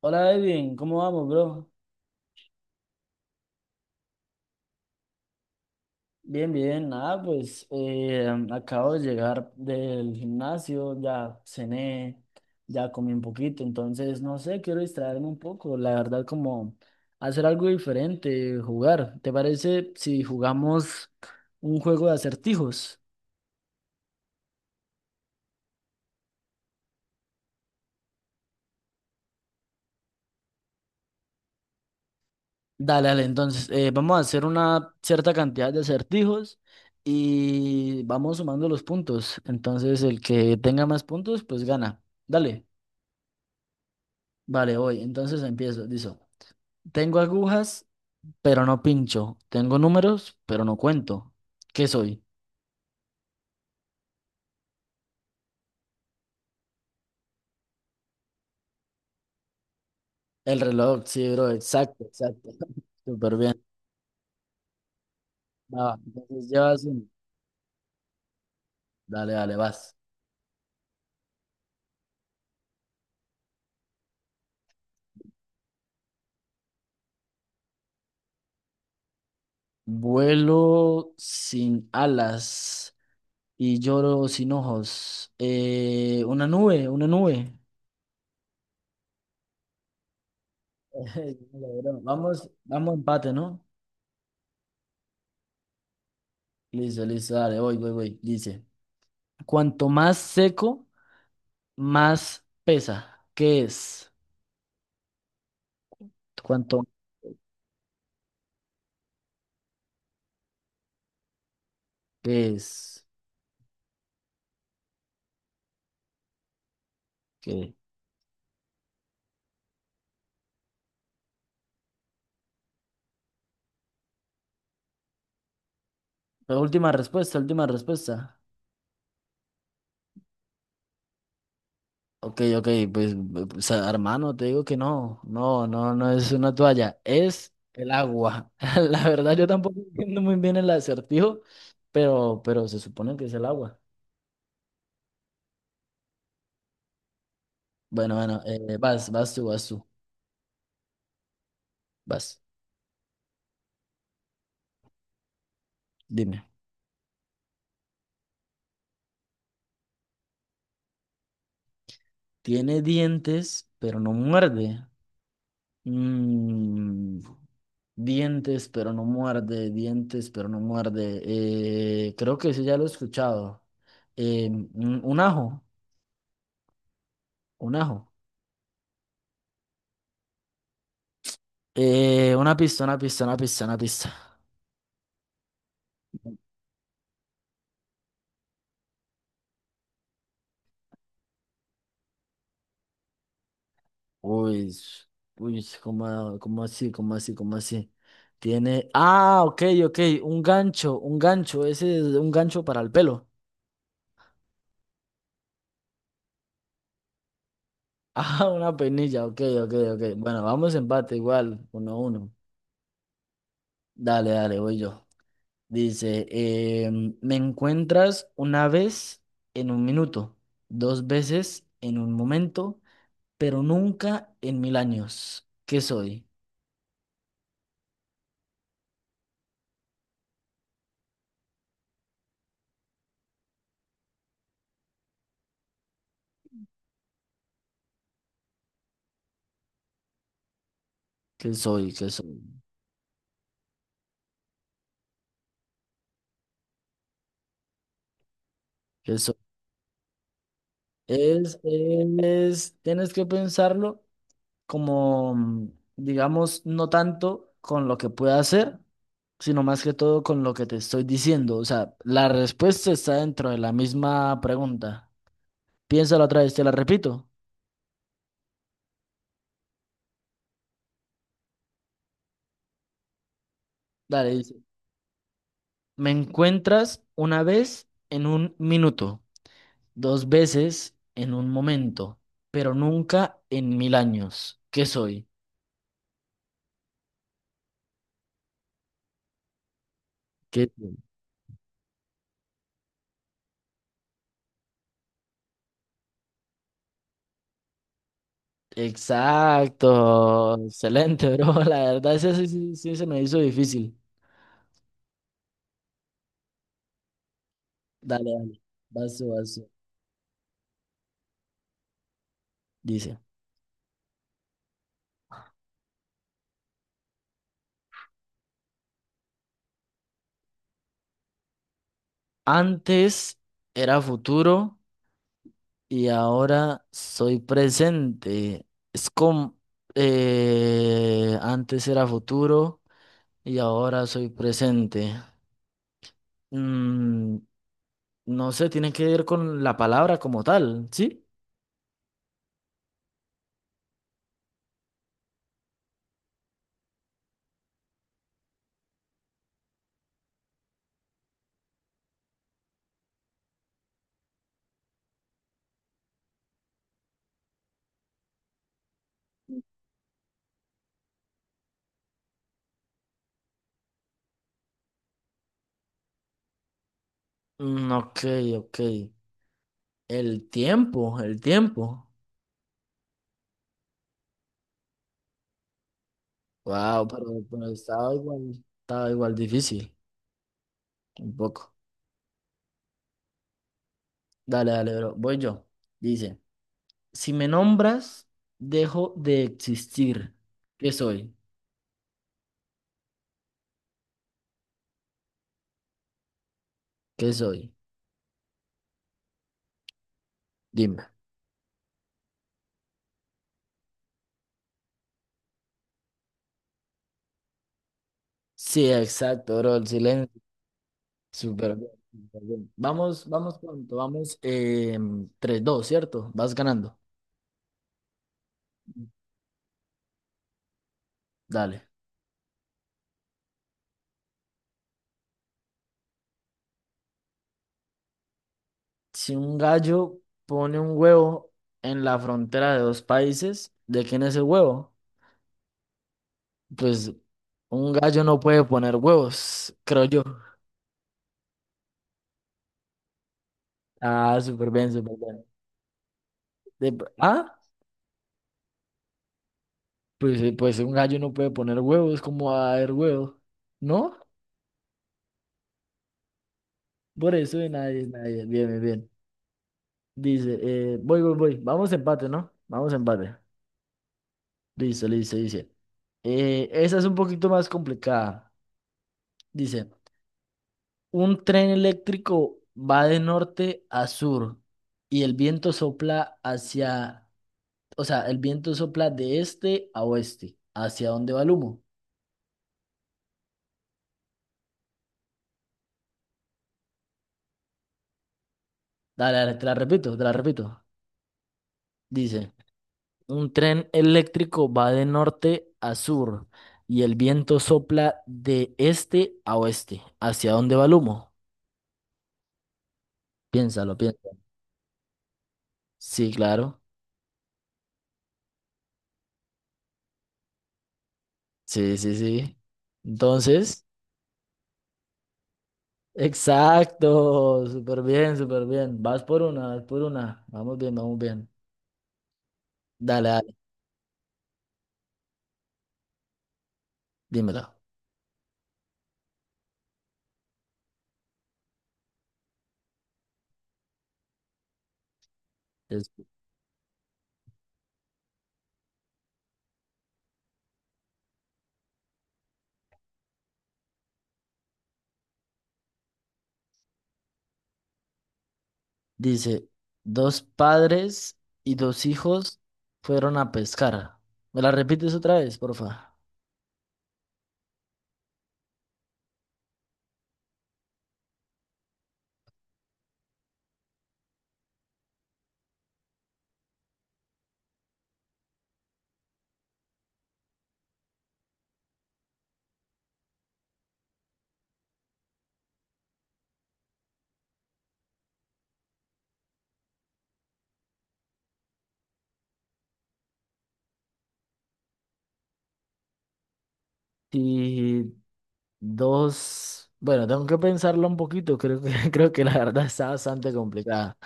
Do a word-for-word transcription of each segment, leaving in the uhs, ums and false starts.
Hola Edwin, ¿cómo vamos, bro? Bien, bien, nada, pues eh, acabo de llegar del gimnasio, ya cené, ya comí un poquito, entonces no sé, quiero distraerme un poco, la verdad, como hacer algo diferente, jugar. ¿Te parece si jugamos un juego de acertijos? Dale, dale, entonces eh, vamos a hacer una cierta cantidad de acertijos y vamos sumando los puntos, entonces el que tenga más puntos, pues gana. Dale. Vale, voy. Entonces empiezo. Dice, tengo agujas, pero no pincho. Tengo números, pero no cuento. ¿Qué soy? El reloj, sí, bro. Exacto, exacto. Súper bien. Va, va, entonces llevas uno. Dale, dale, vas. Vuelo sin alas y lloro sin ojos. Eh, una nube, una nube. Ey, dale, bro, vamos, vamos a empate, ¿no? Listo, listo, dale, voy, voy, voy. Dice, cuanto más seco, más pesa? ¿Qué es? ¿Cuánto qué es? ¿Qué? La última respuesta, última respuesta. Ok, ok, pues, o hermano, te digo que no, no, no, no es una toalla, es el agua. La verdad, yo tampoco entiendo muy bien el acertijo, pero, pero se supone que es el agua. Bueno, bueno, eh, vas, vas tú, vas tú, vas, dime. Tiene dientes, pero no muerde. Mm, Dientes, pero no muerde, dientes, pero no muerde. Eh, creo que ese ya lo he escuchado. Eh, un, un ajo, un ajo. Eh, una pista, una pista, una pista, una pista. Uy, s- uy, ¿cómo, cómo así, cómo así, cómo así? Tiene. Ah, ok, ok, un gancho, un gancho, ese es un gancho para el pelo. Ah, una peinilla, ok, ok, ok. Bueno, vamos empate igual, uno a uno. Dale, dale, voy yo. Dice, em, me encuentras una vez en un minuto, dos veces en un momento, pero nunca en mil años. ¿Qué soy? ¿Qué soy? ¿Qué soy? ¿Qué soy? Es, es, tienes que pensarlo como, mm, digamos, no tanto con lo que pueda hacer, sino más que todo con lo que te estoy diciendo. O sea, la respuesta está dentro de la misma pregunta. Piénsalo otra vez, te la repito. Dale, dice. Me encuentras una vez en un minuto, dos veces en un momento, pero nunca en mil años. ¿Qué soy? ¿Qué soy? Exacto. Excelente, bro. La verdad, ese sí, sí, sí se me hizo difícil. Dale, dale. Vas tú, vas tú. Dice, antes era futuro y ahora soy presente. Es como, eh, antes era futuro y ahora soy presente. Mm, no sé, tiene que ver con la palabra como tal, ¿sí? Mm, ok, ok. El tiempo, el tiempo. Wow, pero, pero estaba igual, estaba igual difícil, un poco. Dale, dale, bro. Voy yo. Dice, si me nombras, dejo de existir. ¿Qué soy? ¿Qué soy? Dime. Sí, exacto, bro. El silencio. Súper bien, súper bien. Vamos, vamos pronto, vamos, eh, tres dos, ¿cierto? Vas ganando. Dale. Si un gallo pone un huevo en la frontera de dos países, ¿de quién es el huevo? Pues un gallo no puede poner huevos, creo yo. Ah, súper bien, súper bien. De- ah, pues, eh, pues un gallo no puede poner huevos, ¿cómo va a haber huevos? ¿No? Por eso de nadie, nadie. Bien, bien, bien. Dice, eh, voy, voy, voy. Vamos empate, ¿no? Vamos empate. Listo, listo, dice. Eh, esa es un poquito más complicada. Dice, un tren eléctrico va de norte a sur y el viento sopla hacia, o sea, el viento sopla de este a oeste. ¿Hacia dónde va el humo? Dale, dale, te la repito, te la repito. Dice, un tren eléctrico va de norte a sur y el viento sopla de este a oeste. ¿Hacia dónde va el humo? Piénsalo, piénsalo. Sí, claro. Sí, sí, sí. Entonces... Exacto, súper bien, súper bien. Vas por una, vas por una. Vamos bien, vamos bien. Dale, dale, dímelo. Es- Dice, dos padres y dos hijos fueron a pescar. ¿Me la repites otra vez, porfa? Y dos, bueno, tengo que pensarlo un poquito, creo que, creo que la verdad está bastante complicada.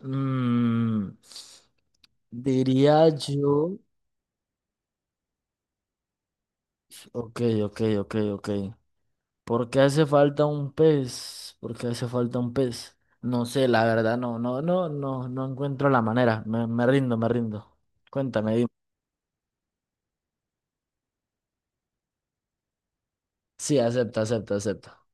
Mm, diría yo, ok, ok, ok, ok. ¿Por qué hace falta un pez? ¿Por qué hace falta un pez? No sé, la verdad, no, no, no, no, no encuentro la manera. Me, me rindo, me rindo. Cuéntame, dime. Sí, acepto, acepto, acepto.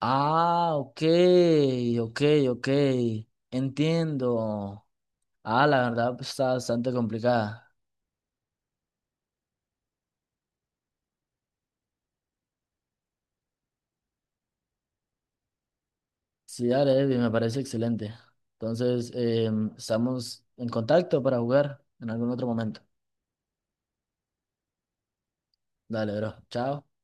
Ah, ok, ok, ok. Entiendo. Ah, la verdad pues, está bastante complicada. Sí, dale, Evi, me parece excelente. Entonces, em, estamos en contacto para jugar en algún otro momento. Dale, bro. Chao.